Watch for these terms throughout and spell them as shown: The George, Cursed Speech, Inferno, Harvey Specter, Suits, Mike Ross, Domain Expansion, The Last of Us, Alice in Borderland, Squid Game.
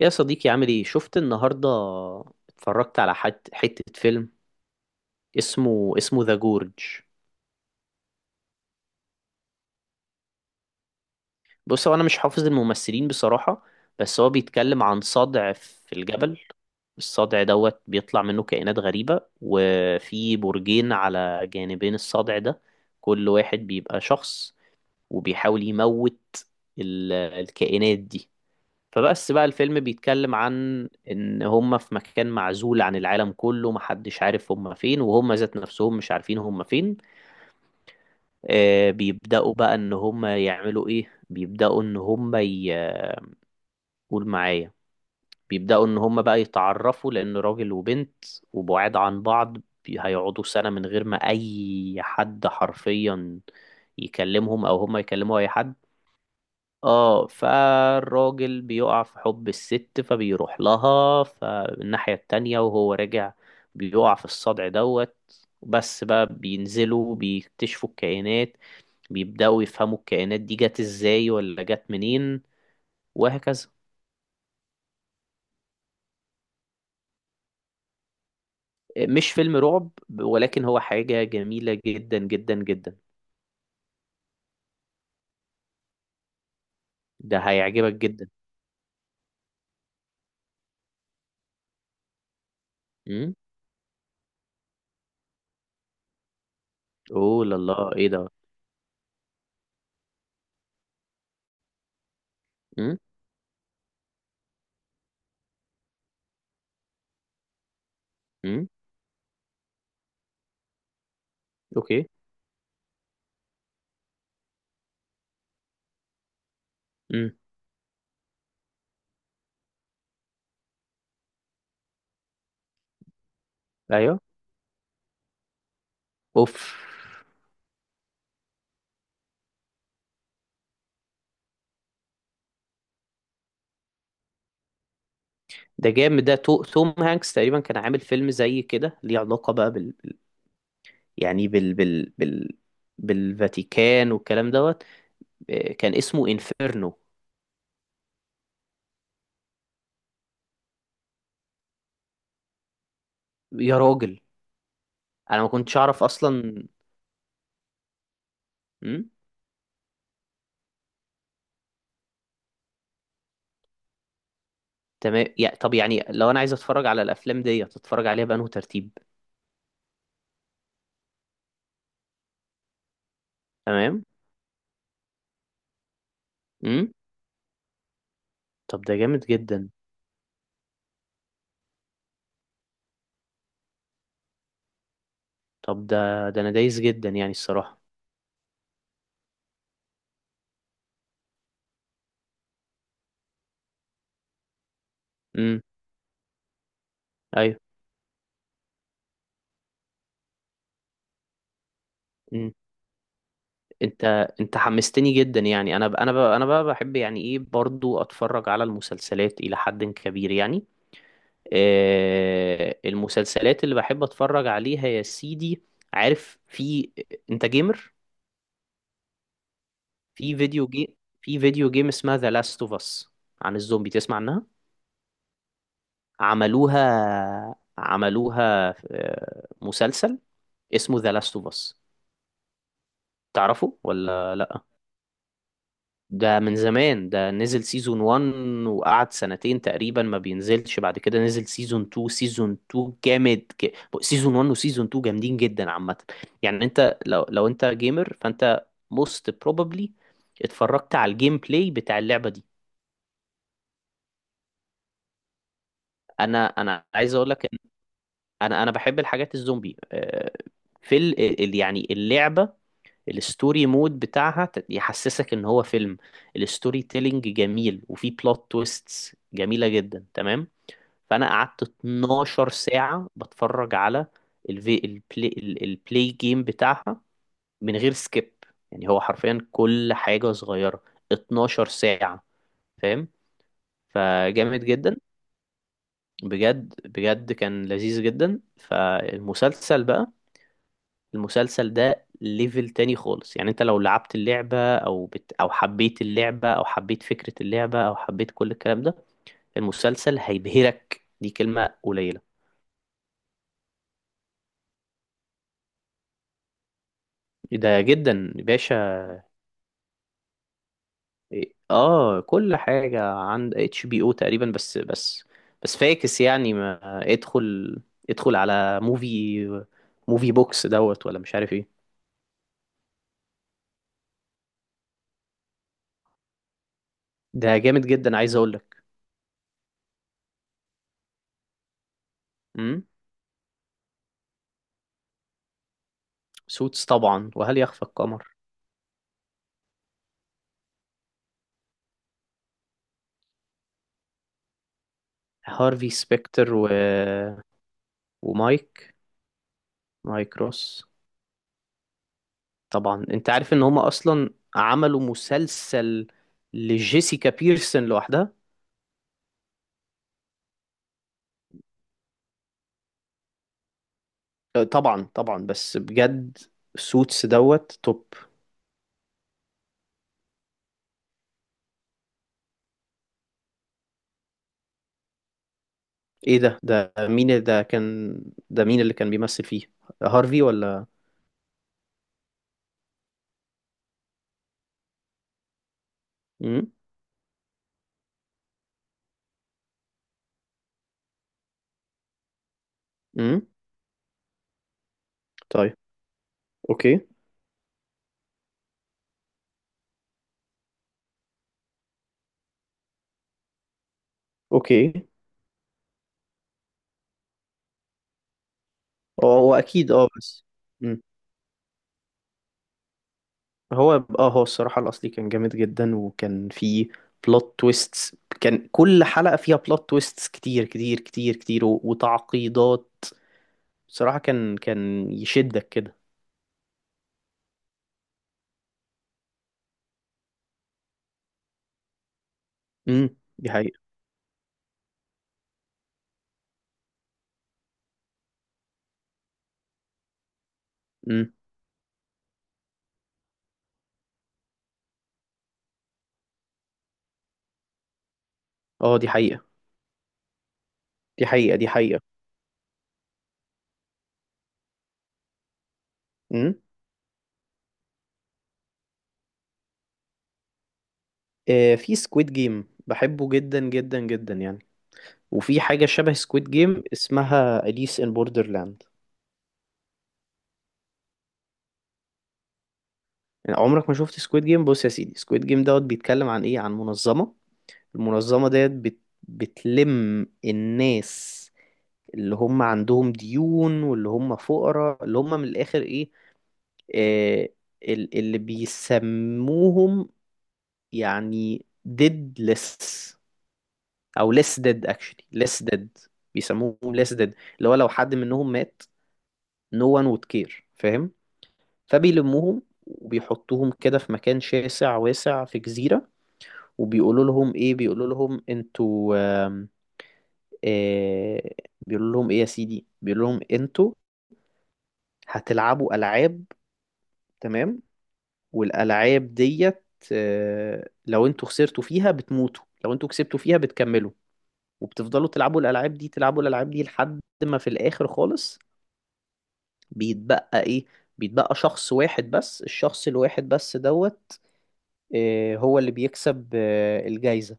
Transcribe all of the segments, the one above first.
يا صديقي، عامل ايه؟ شفت النهارده اتفرجت على حتة فيلم اسمه ذا جورج. بص، هو انا مش حافظ الممثلين بصراحة، بس هو بيتكلم عن صدع في الجبل. الصدع دوت بيطلع منه كائنات غريبة، وفي برجين على جانبين الصدع ده، كل واحد بيبقى شخص وبيحاول يموت الكائنات دي. فبس بقى الفيلم بيتكلم عن ان هم في مكان معزول عن العالم كله، محدش عارف هم فين، وهم ذات نفسهم مش عارفين هم فين. آه، بيبدأوا بقى ان هم يعملوا ايه، بيبدأوا ان قول معايا، بيبدأوا ان هم بقى يتعرفوا لان راجل وبنت وبعاد عن بعض. هيقعدوا سنة من غير ما اي حد حرفيا يكلمهم او هم يكلموا اي حد. اه، فالراجل بيقع في حب الست فبيروح لها فالناحية التانية، وهو راجع بيقع في الصدع دوت. بس بقى بينزلوا بيكتشفوا الكائنات، بيبدأوا يفهموا الكائنات دي جت ازاي ولا جت منين، وهكذا. مش فيلم رعب، ولكن هو حاجة جميلة جدا جدا جدا. ده هيعجبك جدا. امم. اوه لا لا، ايه ده؟ امم. امم. اوكي. امم. ايوه. اوف. ده جامد. ده توم هانكس تقريبا كان عامل فيلم زي كده ليه علاقة بقى بال، يعني بال بالفاتيكان والكلام دوت. آه، كان اسمه انفيرنو. يا راجل، انا ما كنتش اعرف اصلا. امم. تمام، يا طب يعني لو انا عايز اتفرج على الافلام دي اتفرج عليها بأنه ترتيب؟ تمام. امم. طب ده جامد جدا. طب ده انا دايس جدا يعني الصراحة. امم. ايوه. انت، انت حمستني جدا يعني. انا بقى بحب يعني ايه برضو اتفرج على المسلسلات الى حد كبير يعني. آه، المسلسلات اللي بحب اتفرج عليها يا سيدي، عارف في، انت جيمر؟ في فيديو جيم، في فيديو جيم اسمها ذا لاست اوف اس عن الزومبي، تسمع عنها؟ عملوها آه، مسلسل اسمه ذا لاست اوف اس. تعرفه ولا لا؟ ده من زمان، ده نزل سيزون 1 وقعد سنتين تقريبا ما بينزلش، بعد كده نزل سيزون 2. سيزون 2 جامد سيزون 1 وسيزون 2 جامدين جدا عامة. يعني انت لو انت جيمر فانت most probably اتفرجت على الجيم بلاي بتاع اللعبة دي. انا عايز اقول لك إن انا بحب الحاجات الزومبي. آه، في يعني اللعبة، الستوري مود بتاعها يحسسك ان هو فيلم. الستوري تيلينج جميل، وفي بلوت تويستس جميلة جدا تمام. فانا قعدت 12 ساعه بتفرج على البلاي جيم بتاعها، من غير سكيب، يعني هو حرفيا كل حاجه صغيره. 12 ساعه، فاهم؟ فجامد جدا، بجد بجد كان لذيذ جدا. فالمسلسل بقى، المسلسل ده ليفل تاني خالص. يعني انت لو لعبت اللعبه او بت او حبيت اللعبه او حبيت فكره اللعبه او حبيت كل الكلام ده، المسلسل هيبهرك، دي كلمه قليله. ده جدا باشا. إيه، اه، كل حاجة عند اتش بي او تقريبا. بس فاكس يعني ما. ادخل ادخل على موفي بوكس دوت ولا مش عارف ايه. ده جامد جدا، عايز اقول لك. امم. سوتس طبعا، وهل يخفى القمر؟ هارفي سبيكتر و... ومايك، مايك روس. طبعا انت عارف ان هما اصلا عملوا مسلسل لجيسيكا بيرسون لوحدها. آه، طبعا طبعا، بس بجد سوتس دوت توب. ايه ده مين ده كان، ده مين اللي كان بيمثل فيه، هارفي ولا؟ امم. امم. طيب. اوكي. اوكي. هو اكيد اه بس. امم. هو. اه، هو الصراحة الاصلي كان جامد جدا وكان فيه بلوت تويستس. كان كل حلقة فيها بلوت تويستس كتير كتير كتير كتير وتعقيدات. صراحة كان يشدك كده. امم. دي حقيقة. امم. اه، دي حقيقة. دي حقيقة. دي حقيقة. امم. آه، في سكويد جيم بحبه جدا جدا جدا يعني. وفي حاجة شبه سكويد جيم اسمها أليس إن بوردرلاند. يعني عمرك ما شفت سكويد جيم؟ بص يا سيدي، سكويد جيم دوت بيتكلم عن إيه، عن منظمة. المنظمة ديت بتلم الناس اللي هم عندهم ديون واللي هم فقراء اللي هم من الآخر إيه، آه، اللي بيسموهم يعني deadless، أو less dead, actually less dead. بيسموهم less dead، اللي هو لو حد منهم مات no one would care. فاهم؟ فبيلموهم وبيحطوهم كده في مكان شاسع واسع في جزيرة، وبيقولوا لهم ايه، بيقولوا لهم انتوا، آم، آه، بيقولوا لهم ايه يا سيدي، بيقولوا لهم انتوا هتلعبوا ألعاب، تمام، والألعاب ديت، آه، لو انتوا خسرتوا فيها بتموتوا، لو انتوا كسبتوا فيها بتكملوا. وبتفضلوا تلعبوا الألعاب دي، تلعبوا الألعاب دي لحد ما في الآخر خالص بيتبقى ايه، بيتبقى شخص واحد بس. الشخص الواحد بس دوت، آه، هو اللي بيكسب آه، الجايزة.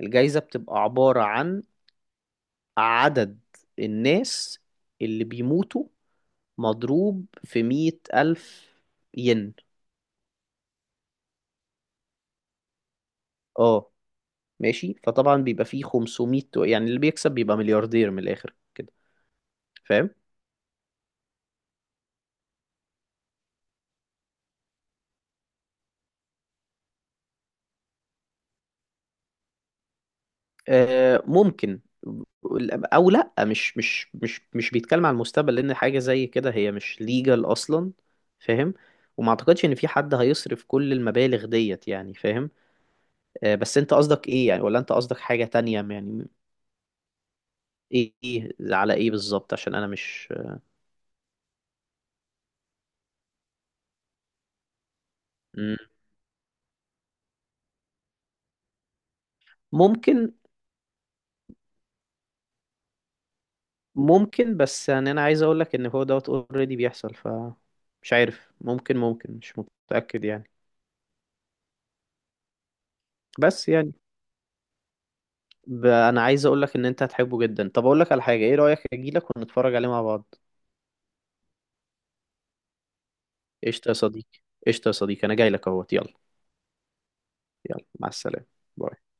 الجايزة بتبقى عبارة عن عدد الناس اللي بيموتوا مضروب في 100,000 ين. اه، ماشي. فطبعا بيبقى فيه 500 يعني، اللي بيكسب بيبقى ملياردير من الآخر كده، فاهم؟ آه ممكن. او لا، مش بيتكلم عن المستقبل، لان حاجه زي كده هي مش ليجال اصلا، فاهم؟ وما اعتقدش ان في حد هيصرف كل المبالغ ديت يعني، فاهم؟ آه، بس انت قصدك ايه يعني؟ ولا انت قصدك حاجة تانية يعني، ايه إيه- على ايه بالظبط؟ عشان انا مش. مم. ممكن ممكن بس يعني انا عايز اقولك ان هو دوت اوريدي بيحصل. ف مش عارف، ممكن مش متأكد يعني. بس يعني انا عايز اقولك ان انت هتحبه جدا. طب اقولك على حاجة، ايه رأيك اجيلك ونتفرج عليه مع بعض؟ قشطة يا صديقي، قشطة يا صديقي، انا جاي لك اهوت. يلا. يلا مع السلامة. باي.